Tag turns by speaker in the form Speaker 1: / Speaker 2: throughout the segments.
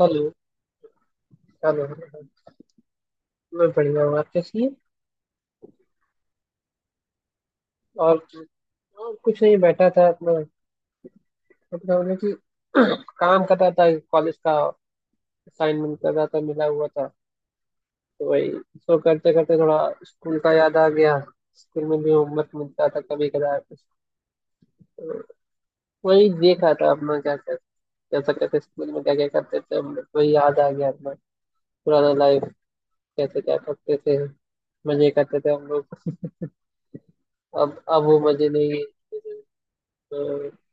Speaker 1: Hello hello hello. मैं बढ़िया हूँ आप कैसी हैं। और, और कुछ नहीं बैठा था अपना अपना उन्हें कि काम कर रहा था कॉलेज का असाइनमेंट कर रहा था मिला हुआ था। तो वही इसको करते करते थोड़ा स्कूल का याद आ गया। स्कूल में भी होमवर्क मिलता था कभी कदार। तो वही देख रहा था अपना क्या क्या कैसा कैसे स्कूल में क्या क्या करते थे हम लोग। वही याद आ गया अपना पुराना लाइफ। कैसे क्या करते थे मजे करते थे हम लोग। अब वो मजे नहीं है। वो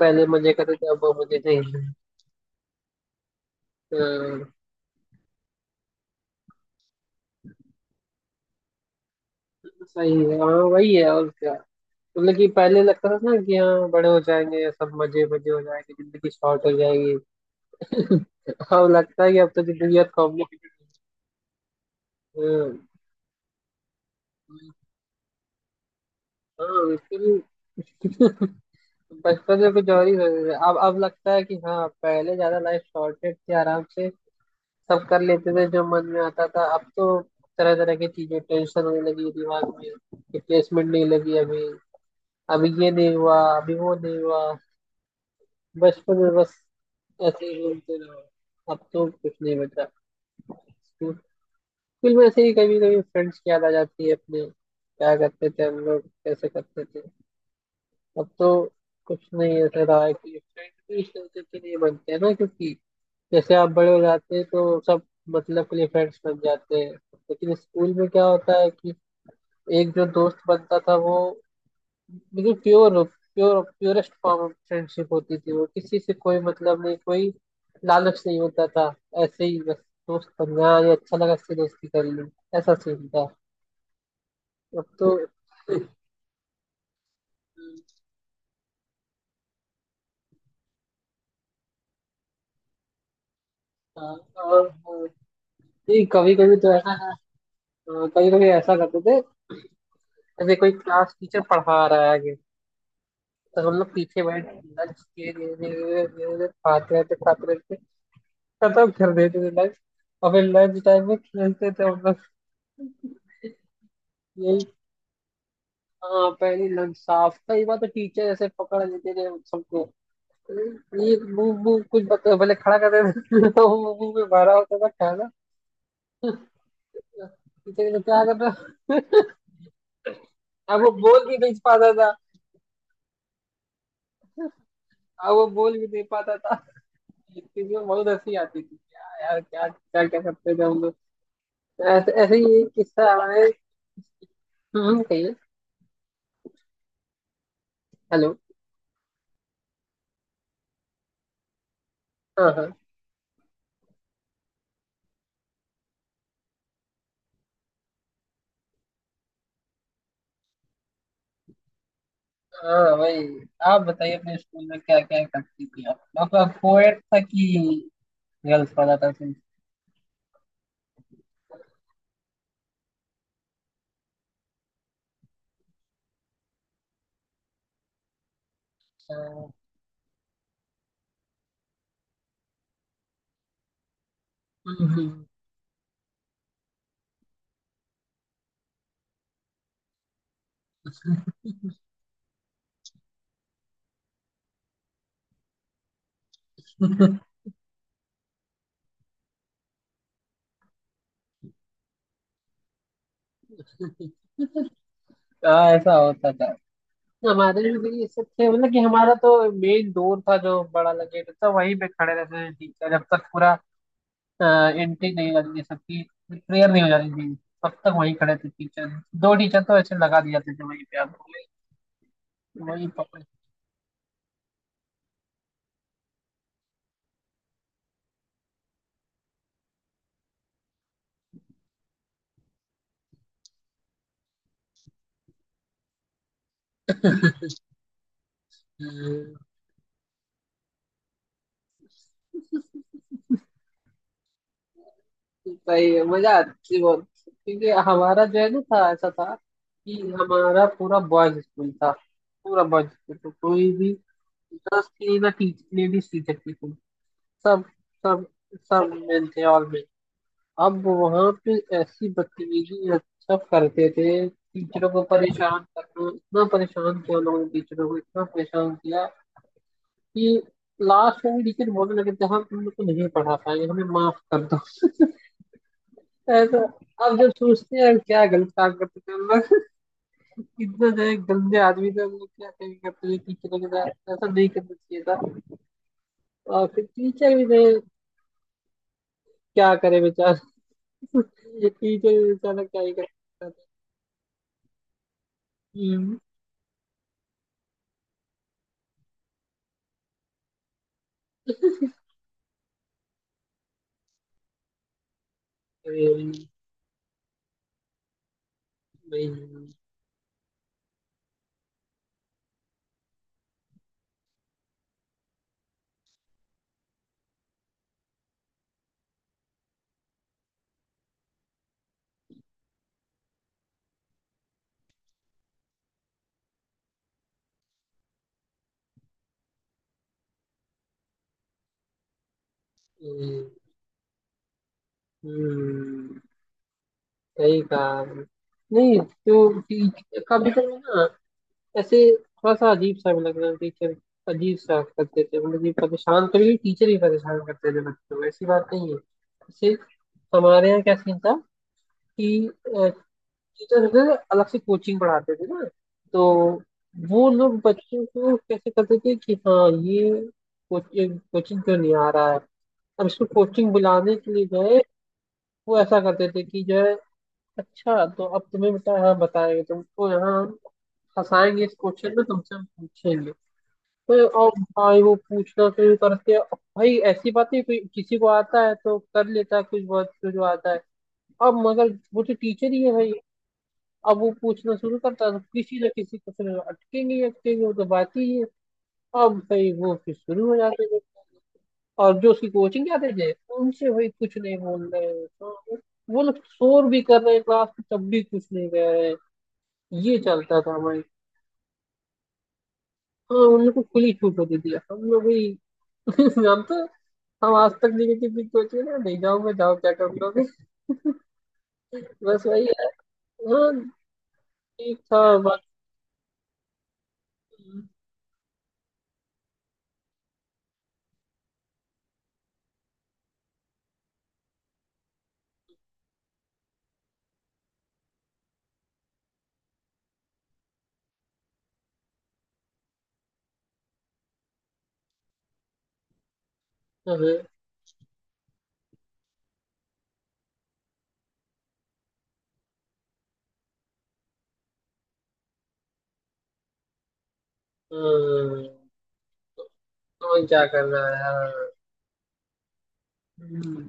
Speaker 1: पहले मजे करते थे अब मजे नहीं है। हाँ, सही है हाँ वही है और क्या। मतलब कि पहले लगता था ना कि हाँ बड़े हो जाएंगे सब मजे मजे हो जाएंगे जिंदगी शॉर्ट हो जाएगी। अब लगता है कि अब तो जिंदगी बहुत कॉम्प्लिकेटेड। हाँ लेकिन। बचपन में कुछ और ही रहते थे। अब लगता है कि हाँ पहले ज्यादा लाइफ शॉर्टेड थी आराम से सब कर लेते थे जो मन में आता था। अब तो तरह तरह की चीजें टेंशन होने लगी दिमाग में। कि प्लेसमेंट नहीं लगी अभी अभी ये नहीं हुआ अभी वो नहीं हुआ। बचपन में बस ऐसे ही घूमते रहो। अब तो कुछ नहीं बचा। स्कूल स्कूल में ऐसे ही कभी कभी फ्रेंड्स की याद आ जाती है अपने क्या करते थे हम लोग कैसे करते थे। अब तो कुछ नहीं ऐसा रहा है कि फ्रेंड भी इस तरीके के नहीं बनते हैं ना। क्योंकि जैसे आप बड़े हो जाते हैं तो सब मतलब के लिए फ्रेंड्स बन जाते हैं। लेकिन स्कूल में क्या होता है कि एक जो दोस्त बनता था वो बिल्कुल pure pure purest form of friendship होती थी। वो किसी से कोई मतलब नहीं कोई लालच नहीं होता था। ऐसे ही बस दोस्त बन गया ये अच्छा लगा इससे दोस्ती कर ली। ऐसा सीन था। अब तो हाँ, और नहीं। कभी कभी तो ऐसा कभी कभी ऐसा करते थे। जैसे कोई क्लास टीचर पढ़ा रहा है आगे तो हम लोग पीछे बैठ लंच किए धीरे धीरे धीरे धीरे धीरे खाते रहते खत्म कर देते थे लंच। और फिर लंच टाइम में खेलते थे हम लोग। हाँ पहली लग साफ कई बार तो टीचर ऐसे पकड़ लेते थे सबको। ये मुंह मुंह कुछ बता भले खड़ा कर देते थे, तो वो मुंह में भरा होता था खाना। टीचर कहते, क्या कर रहा। अब वो बोल भी नहीं पाता था। अब वो बोल भी नहीं पाता था। इसलिए बहुत हंसी आती थी क्या यार क्या क्या क्या करते थे हम लोग। तो ऐसे ऐसे ही एक किस्सा हमारे। कहिए। हेलो। हाँ हाँ। हाँ वही। आप बताइए अपने स्कूल में क्या क्या करती थी आप आपका कोएड था कि गर्ल्स वाला था। हम्म, हाँ ऐसा होता था। हमारे में भी ये सब थे मतलब कि हमारा तो मेन डोर था जो बड़ा लगे था वहीं पे खड़े रहते थे टीचर जब तक पूरा एंट्री नहीं हो जाती थी सबकी प्रेयर नहीं हो जाती थी तब तक वहीं खड़े थे टीचर। दो टीचर तो ऐसे लगा दिए जाते थे वहीं पे आप वही पकड़। हम्म, सही मजा आती थी बहुत क्योंकि हमारा जो है ना था ऐसा था कि हमारा पूरा बॉयज स्कूल था। पूरा बॉयज स्कूल तो कोई भी गर्ल्स की ना टीच लेडीज टीचर थी। सब सब सब में थे और में। अब वहां पे ऐसी बदतमीजी सब करते थे। टीचरों को परेशान करना इतना परेशान किया लोगों ने टीचरों को इतना परेशान किया कि लास्ट में भी टीचर बोलने लगे थे हम तुम लोग को नहीं पढ़ा पाएंगे हमें माफ कर दो। ऐसा अब जब सोचते हैं क्या गलत काम करते थे हम लोग इतना जो गंदे आदमी थे हम लोग क्या कहीं करते थे टीचरों के साथ ऐसा नहीं करना चाहिए था। और फिर टीचर भी थे क्या करे बेचारा। ये टीचर भी बेचारा क्या ही करे। हम्म, अभी- भाई, अ, हम्म, सही कहा आपने। नहीं तो टीचर कभी कभी ना ऐसे थोड़ा सा अजीब सा भी लग रहा है टीचर अजीब सा करते थे। मतलब कि परेशान कभी कभी टीचर ही परेशान करते थे बच्चों को। ऐसी बात नहीं है। जैसे हमारे यहाँ क्या सीन था कि टीचर अलग से कोचिंग पढ़ाते थे ना। तो वो लोग बच्चों को कैसे करते थे कि हाँ ये कोचिंग कोचिंग क्यों नहीं आ रहा है। अब इसको कोचिंग बुलाने के लिए जो है वो ऐसा करते थे कि जो है अच्छा तो अब तुम्हें बेटा यहाँ बताएंगे तुमको यहाँ हम फंसाएंगे इस क्वेश्चन में तुमसे हम पूछेंगे। तो और भाई वो पूछना शुरू करते हैं। अब भाई ऐसी बात नहीं कोई किसी को आता है तो कर लेता है कुछ बहुत जो आता है। अब मगर वो तो टीचर ही है भाई। अब वो पूछना शुरू करता है तो किसी ना किसी क्वेश्चन में अटकेंगे ही अटकेंगे वो तो बात ही है। अब भाई वो फिर शुरू हो जाते हैं। और जो उसकी कोचिंग क्या थे उनसे भाई कुछ नहीं बोल रहे हैं तो वो लोग शोर भी कर रहे हैं क्लास में तब भी कुछ नहीं कह रहे हैं। ये चलता था भाई। हाँ उन लोग को खुली छूट होती थी हम लोग भी जानते हैं, हम आज तक निगेटिव भी कोचिंग ना नहीं जाऊंगा जाओ क्या कर लोगे बस वही है। हाँ ठीक था। बाकी अरे, हाँ, तो क्या कर रहा है हाँ। हम्म,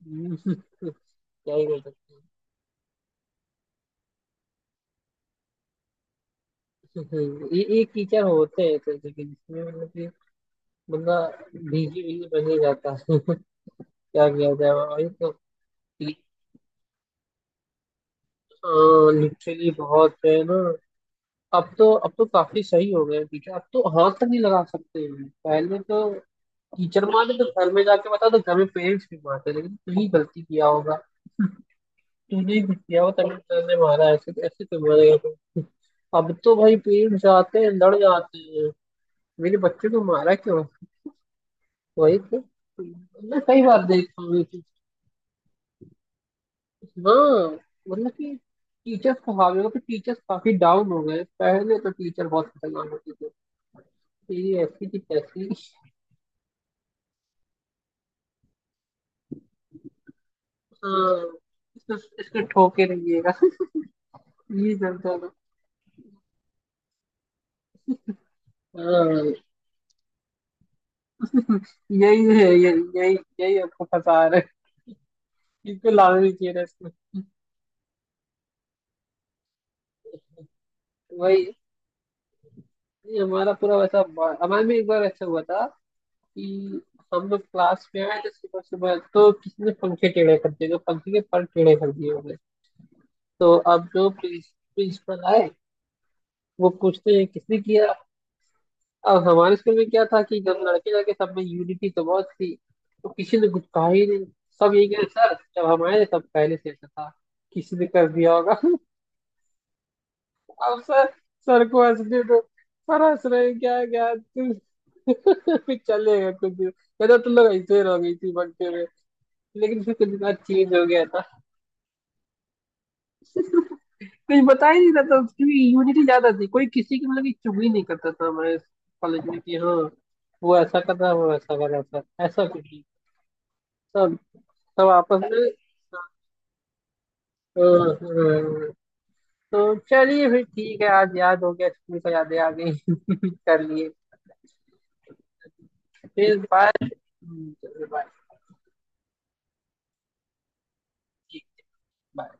Speaker 1: क्या ही कर सकते हैं। एक टीचर होते हैं ऐसे, लेकिन इसमें मतलब कि बंदा भीगी भीगी बन ही जाता है। क्या किया जाए भाई तो लिटरली बहुत है ना। अब तो काफी सही हो गए टीचर। अब तो हाथ तक नहीं लगा सकते हैं। पहले तो टीचर मारे तो घर में जाके बता तो घर में पेरेंट्स भी मारते लेकिन तू ही गलती किया होगा तूने ही कुछ किया होगा तभी सर ने मारा। ऐसे तो मारेगा तो अब तो भाई पेरेंट्स आते हैं लड़ जाते हैं। मेरे बच्चे को मारा क्यों वही तो मैं कई बार देखा हूँ। हाँ मतलब कि टीचर्स को हावी होगा पर टीचर्स काफी डाउन हो गए। पहले तो टीचर बहुत खतरनाक होते थे ये ऐसी की तैसी। हाँ इसको इसको ठोके रहिएगा। ये चलता था। हाँ यही है ये यही यही आपको फंसा रहा है। इनको लाना नहीं चाहिए था इसमें। वही ये हमारा पूरा वैसा हमारे में एक बार ऐसा हुआ था कि हम लोग क्लास में आए थे सुबह सुबह तो किसी ने पंखे टेढ़े कर दिए। तो पंखे के पर टेढ़े कर दिए होंगे। तो अब जो प्रिंसिपल आए वो पूछते हैं किसने किया। अब हमारे स्कूल में क्या था कि जब लड़के लड़के सब में यूनिटी तो बहुत थी। तो किसी ने कुछ कहा ही नहीं। सब यही कह सर जब हम आए तब पहले से ऐसा था किसी ने कर दिया होगा। अब सर सर को हंसने दो। सर हंस रहे हैं, क्या क्या तुम। फिर चलेगा कुछ दिन। पहले तो लोग ऐसे ही रह गई थी बनते हुए। लेकिन फिर कुछ दिन बाद चेंज हो गया। कुछ बता ही नहीं रहा था क्योंकि यूनिटी ज्यादा थी कोई किसी की मतलब की चुगली नहीं करता था हमारे कॉलेज में। कि हाँ वो ऐसा कर रहा है वो ऐसा कर रहा था ऐसा कुछ नहीं। सब सब आपस में। हाँ, हाँ। तो चलिए फिर ठीक है आज याद हो गया स्कूल का यादें आ गई कर लिए। फिर बाय चलिए, बाय। ठीक बाय।